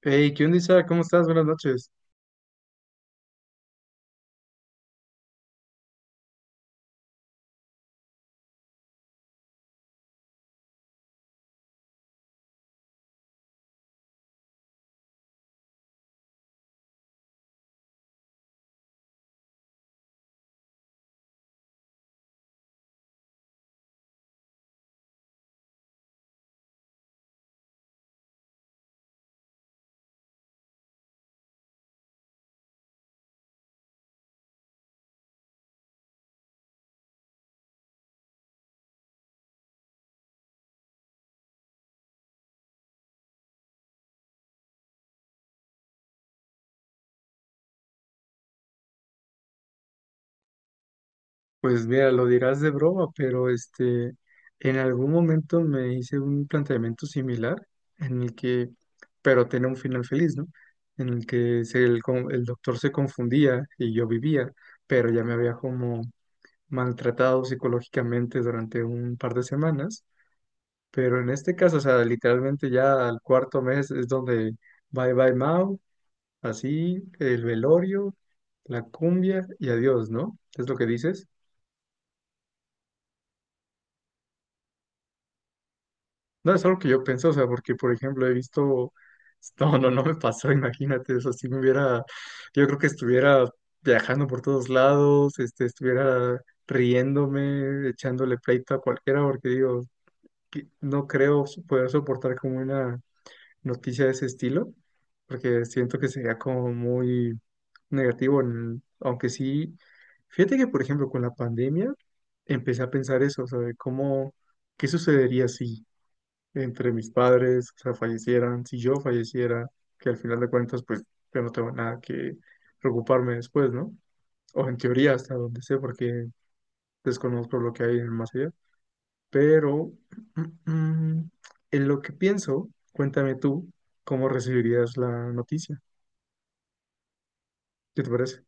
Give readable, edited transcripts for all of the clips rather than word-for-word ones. Hey, ¿qué onda, Isa? ¿Cómo estás? Buenas noches. Pues mira, lo dirás de broma, pero en algún momento me hice un planteamiento similar en el que, pero tenía un final feliz, ¿no? En el que el doctor se confundía y yo vivía, pero ya me había como maltratado psicológicamente durante un par de semanas. Pero en este caso, o sea, literalmente ya al cuarto mes es donde bye bye Mao. Así, el velorio, la cumbia y adiós, ¿no? ¿Es lo que dices? No, es algo que yo pienso, o sea, porque, por ejemplo, he visto... No, no, no me pasó, imagínate, eso si me hubiera... Yo creo que estuviera viajando por todos lados, estuviera riéndome, echándole pleito a cualquiera, porque digo, que no creo poder soportar como una noticia de ese estilo, porque siento que sería como muy negativo, aunque sí, fíjate que por ejemplo con la pandemia empecé a pensar eso, o sea, de cómo, qué sucedería si entre mis padres, o sea, fallecieran, si yo falleciera, que al final de cuentas pues yo no tengo nada que preocuparme después, ¿no? O en teoría hasta donde sé, porque desconozco lo que hay en el más allá. Pero en lo que pienso, cuéntame tú cómo recibirías la noticia. ¿Qué te parece?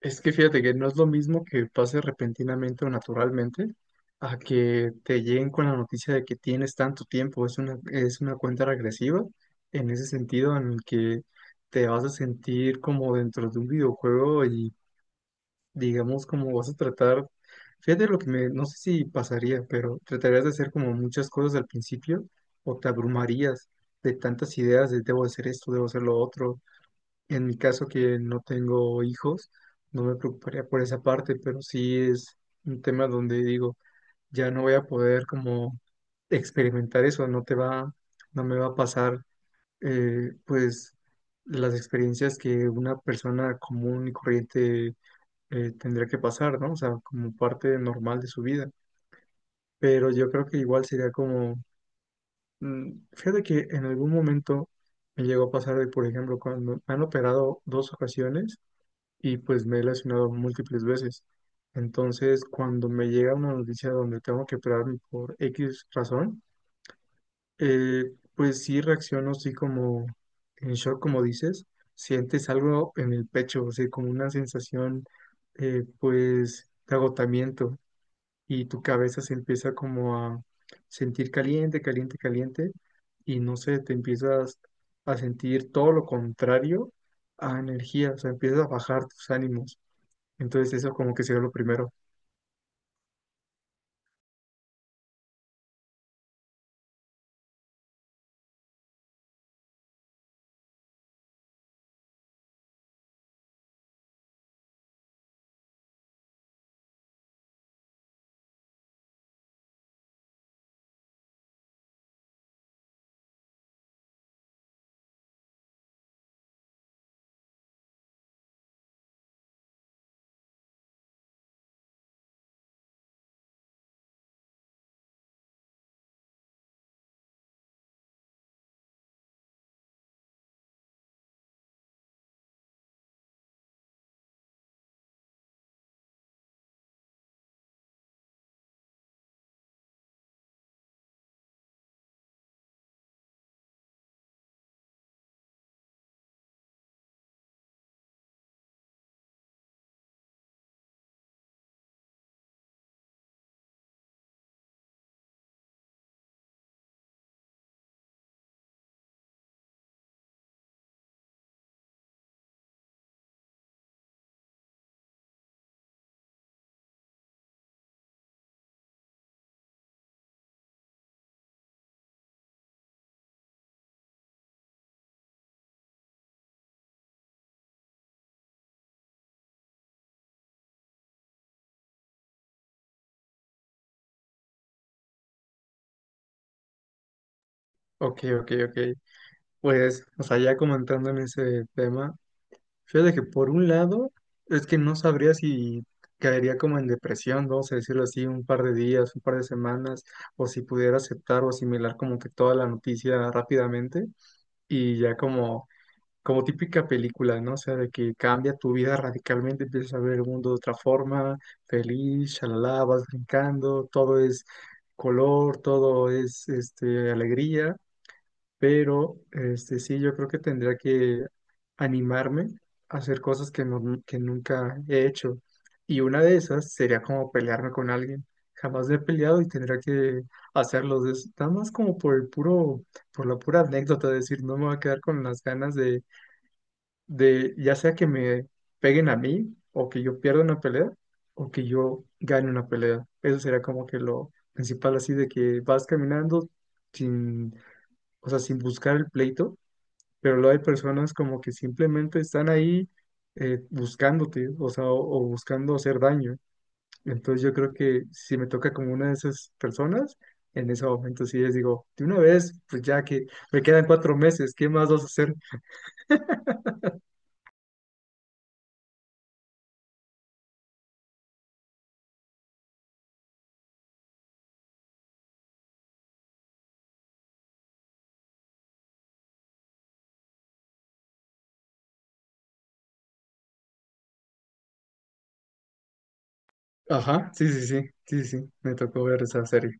Es que fíjate que no es lo mismo que pase repentinamente o naturalmente a que te lleguen con la noticia de que tienes tanto tiempo. Es una cuenta regresiva en ese sentido en el que te vas a sentir como dentro de un videojuego y digamos, como vas a tratar, fíjate lo que me, no sé si pasaría, pero tratarías de hacer como muchas cosas al principio o te abrumarías de tantas ideas de debo hacer esto, debo hacer lo otro. En mi caso que no tengo hijos, no me preocuparía por esa parte, pero sí es un tema donde digo, ya no voy a poder como experimentar eso, no te va, no me va a pasar, pues, las experiencias que una persona común y corriente tendría que pasar, ¿no? O sea, como parte normal de su vida. Pero yo creo que igual sería como, fíjate que en algún momento me llegó a pasar de, por ejemplo, cuando me han operado dos ocasiones y pues me he lesionado múltiples veces. Entonces, cuando me llega una noticia donde tengo que operarme por X razón, pues sí reacciono así como en shock, como dices, sientes algo en el pecho, o sea, como una sensación pues de agotamiento y tu cabeza se empieza como a sentir caliente, caliente, caliente, y no sé, te empiezas a sentir todo lo contrario a energía, o sea, empiezas a bajar tus ánimos. Entonces eso como que sería lo primero. Ok, ok, ok. Pues, o sea, ya comentando en ese tema, fíjate que por un lado es que no sabría si caería como en depresión, vamos a decirlo así, un par de días, un par de semanas, o si pudiera aceptar o asimilar como que toda la noticia rápidamente. Y ya como, como típica película, ¿no? O sea, de que cambia tu vida radicalmente, empiezas a ver el mundo de otra forma, feliz, shalala, vas brincando, todo es color, todo es alegría, pero sí, yo creo que tendría que animarme a hacer cosas que, que nunca he hecho. Y una de esas sería como pelearme con alguien. Jamás me he peleado y tendría que hacerlo. Es nada más como por el puro, por la pura anécdota, de decir, no me voy a quedar con las ganas de, ya sea que me peguen a mí, o que yo pierda una pelea, o que yo gane una pelea. Eso sería como que lo principal, así de que vas caminando sin, o sea, sin buscar el pleito pero luego hay personas como que simplemente están ahí buscándote, o sea, o buscando hacer daño. Entonces yo creo que si me toca como una de esas personas, en ese momento sí les digo, de una vez, pues ya que me quedan 4 meses, ¿qué más vas a hacer? Ajá, sí, sí, sí, sí, sí, me tocó ver esa serie.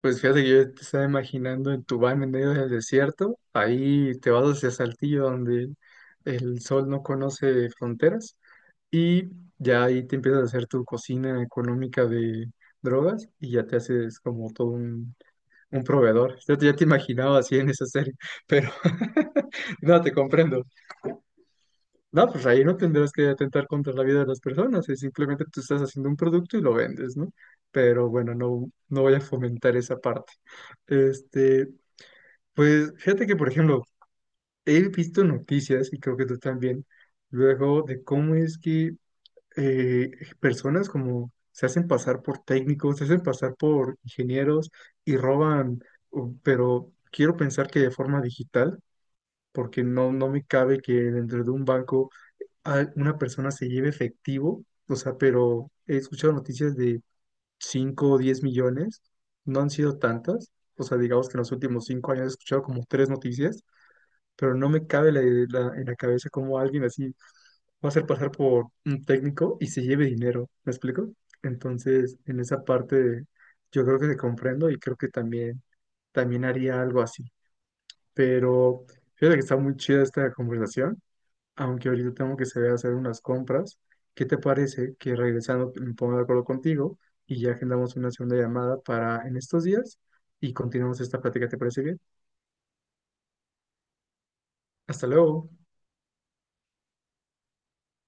Pues fíjate que yo te estaba imaginando en tu van en medio del desierto, ahí te vas hacia Saltillo donde el sol no conoce fronteras. Y ya ahí te empiezas a hacer tu cocina económica de drogas y ya te haces como todo un proveedor. Ya te imaginaba así en esa serie, pero no, te comprendo. No, pues ahí no tendrás que atentar contra la vida de las personas, es simplemente tú estás haciendo un producto y lo vendes, ¿no? Pero bueno, no, no voy a fomentar esa parte. Este, pues fíjate que, por ejemplo, he visto noticias y creo que tú también, luego de cómo es que eh, personas como se hacen pasar por técnicos, se hacen pasar por ingenieros y roban, pero quiero pensar que de forma digital, porque no, no me cabe que dentro de un banco una persona se lleve efectivo, o sea, pero he escuchado noticias de 5 o 10 millones, no han sido tantas, o sea, digamos que en los últimos 5 años he escuchado como tres noticias pero no me cabe en la cabeza cómo alguien así va a hacer pasar por un técnico y se lleve dinero, ¿me explico? Entonces, en esa parte yo creo que te comprendo y creo que también, también haría algo así. Pero fíjate que está muy chida esta conversación, aunque ahorita tengo que salir a hacer unas compras. ¿Qué te parece que regresando me ponga de acuerdo contigo y ya agendamos una segunda llamada para en estos días y continuamos esta plática? ¿Te parece bien? Hasta luego.